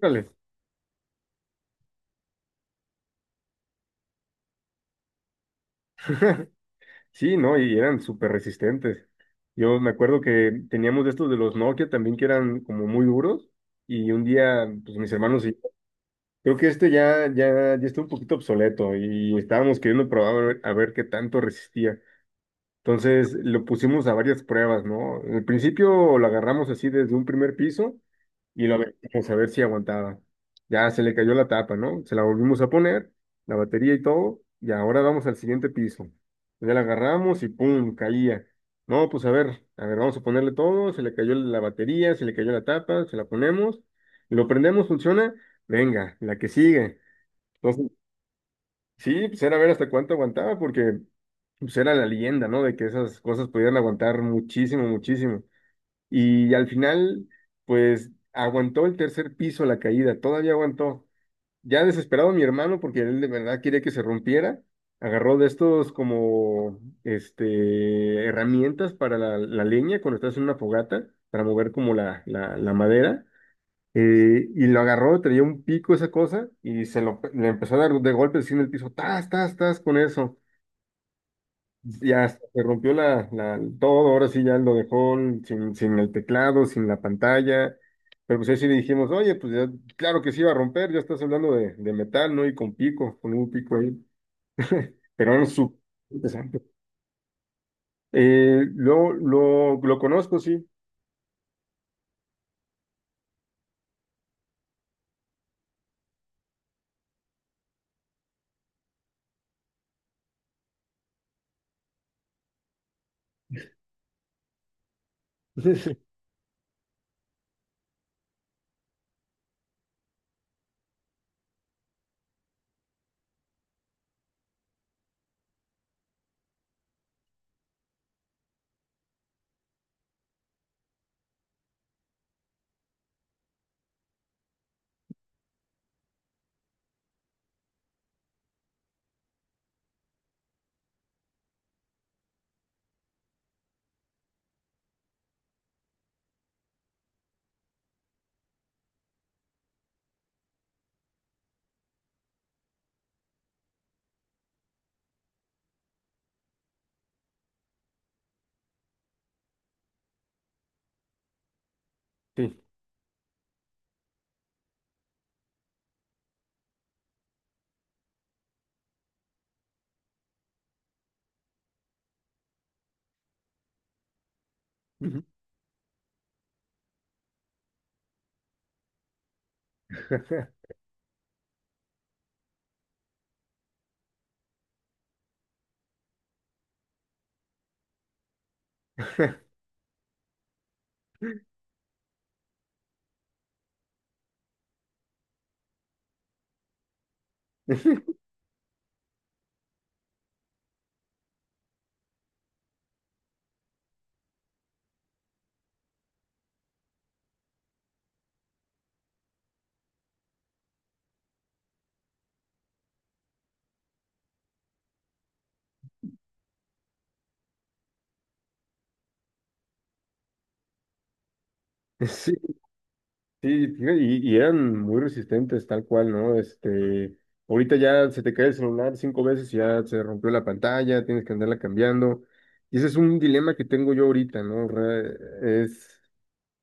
Órale. Sí, ¿no? Y eran súper resistentes. Yo me acuerdo que teníamos de estos de los Nokia también que eran como muy duros y un día, pues mis hermanos y creo que este ya, ya, ya está un poquito obsoleto y estábamos queriendo probar a ver qué tanto resistía. Entonces lo pusimos a varias pruebas, ¿no? Al principio lo agarramos así desde un primer piso y lo aventamos a ver si aguantaba. Ya se le cayó la tapa, ¿no? Se la volvimos a poner, la batería y todo, y ahora vamos al siguiente piso. Ya la agarramos y ¡pum! Caía. No, pues a ver, vamos a ponerle todo, se le cayó la batería, se le cayó la tapa, se la ponemos, lo prendemos, funciona, venga, la que sigue. Entonces, sí, pues era ver hasta cuánto aguantaba, porque pues era la leyenda, ¿no? De que esas cosas podían aguantar muchísimo, muchísimo. Y al final, pues aguantó el tercer piso la caída, todavía aguantó. Ya desesperado mi hermano, porque él de verdad quería que se rompiera, agarró de estos como este, herramientas para la leña cuando estás en una fogata, para mover como la madera. Y lo agarró, traía un pico esa cosa, y se lo le empezó a dar de golpes así en el piso, tas, tas, tas, con eso. Ya hasta se rompió todo, ahora sí ya lo dejó sin el teclado, sin la pantalla, pero pues ahí sí le dijimos, oye, pues ya, claro que se iba a romper, ya estás hablando de metal, ¿no? Y con pico, con un pico ahí, pero eran súper interesantes. Lo conozco, sí. Sí. Ujú. Sí, sí, fíjate, y eran muy resistentes, tal cual, ¿no? Ahorita ya se te cae el celular cinco veces y ya se rompió la pantalla, tienes que andarla cambiando. Y ese es un dilema que tengo yo ahorita, ¿no? Re- Es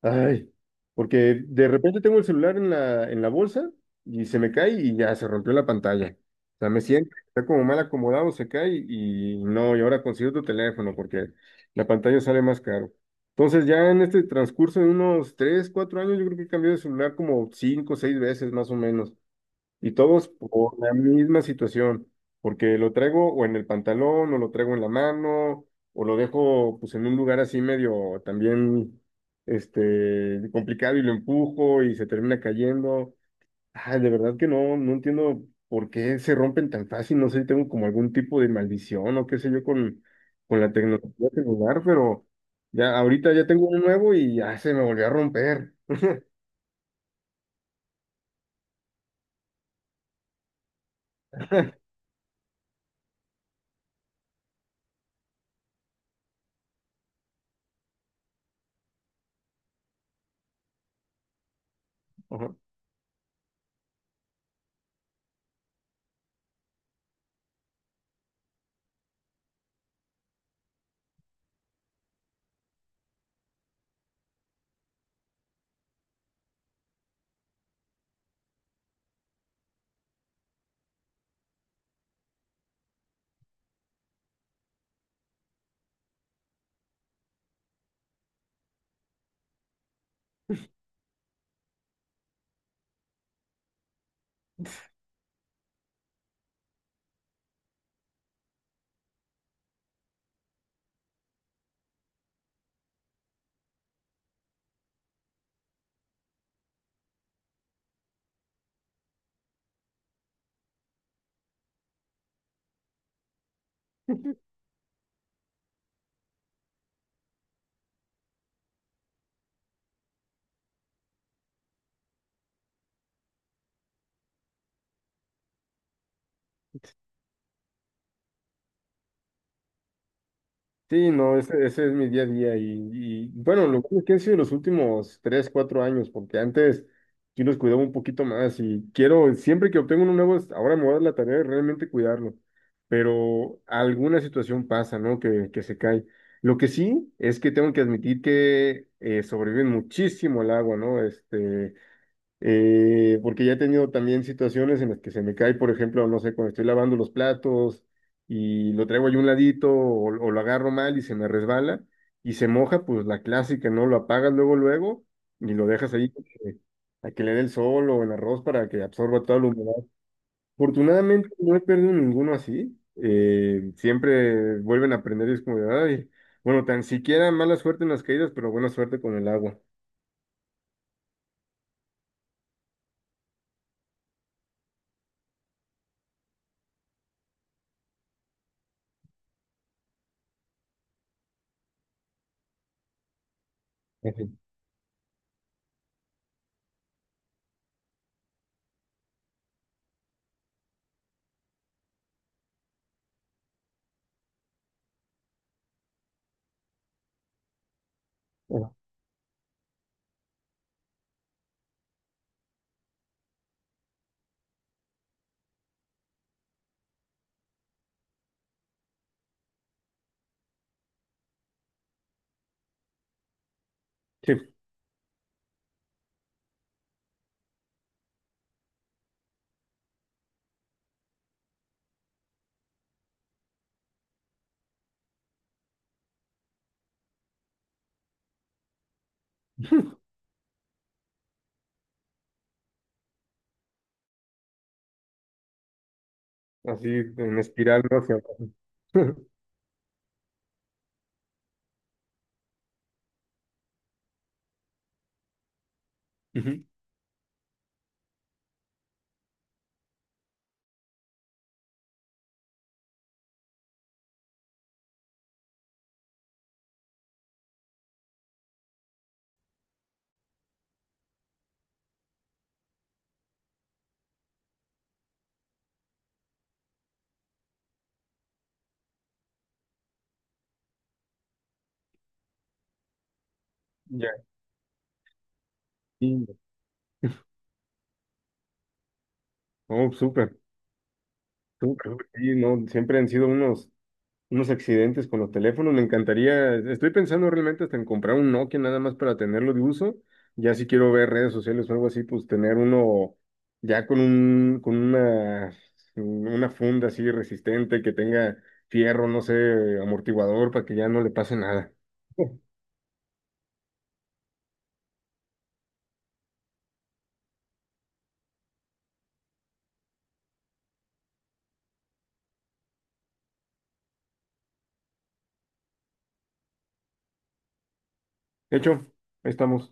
Ay, porque de repente tengo el celular en la bolsa y se me cae y ya se rompió la pantalla. O sea, me siento, está como mal acomodado, se cae y no, y ahora consigo tu teléfono porque la pantalla sale más caro. Entonces ya en este transcurso de unos 3 4 años yo creo que he cambiado de celular como 5 6 veces más o menos. Y todos por la misma situación, porque lo traigo o en el pantalón, o lo traigo en la mano, o lo dejo pues en un lugar así medio también este complicado y lo empujo y se termina cayendo. Ay, de verdad que no, no entiendo por qué se rompen tan fácil, no sé si tengo como algún tipo de maldición o qué sé yo con, la tecnología celular, pero ya ahorita ya tengo uno nuevo y ya se me volvió a romper. Ajá. Sí, no, ese es mi día a día bueno, lo bueno es que han sido los últimos tres, cuatro años, porque antes yo los cuidaba un poquito más y quiero, siempre que obtengo uno nuevo, ahora me voy a dar la tarea de realmente cuidarlo, pero alguna situación pasa, ¿no? Que se cae. Lo que sí es que tengo que admitir que sobreviven muchísimo al agua, ¿no? Porque ya he tenido también situaciones en las que se me cae, por ejemplo, no sé, cuando estoy lavando los platos y lo traigo ahí un ladito o lo agarro mal y se me resbala y se moja, pues la clásica, ¿no? Lo apagas luego, luego y lo dejas ahí eh, a que le dé el sol o el arroz para que absorba toda la humedad. Afortunadamente no he perdido ninguno así. Siempre vuelven a aprender y es como de, ay, bueno, tan siquiera mala suerte en las caídas, pero buena suerte con el agua. Ujú. Ujú. Sí, así en espiral, ¿no? Hacia abajo. Ujú. Ya, sí. Oh, súper, súper, súper, sí, no, siempre han sido unos accidentes con los teléfonos. Me encantaría, estoy pensando realmente hasta en comprar un Nokia nada más para tenerlo de uso. Ya si quiero ver redes sociales o algo así, pues tener uno ya con una funda así resistente que tenga fierro, no sé, amortiguador para que ya no le pase nada. Hecho, ahí estamos.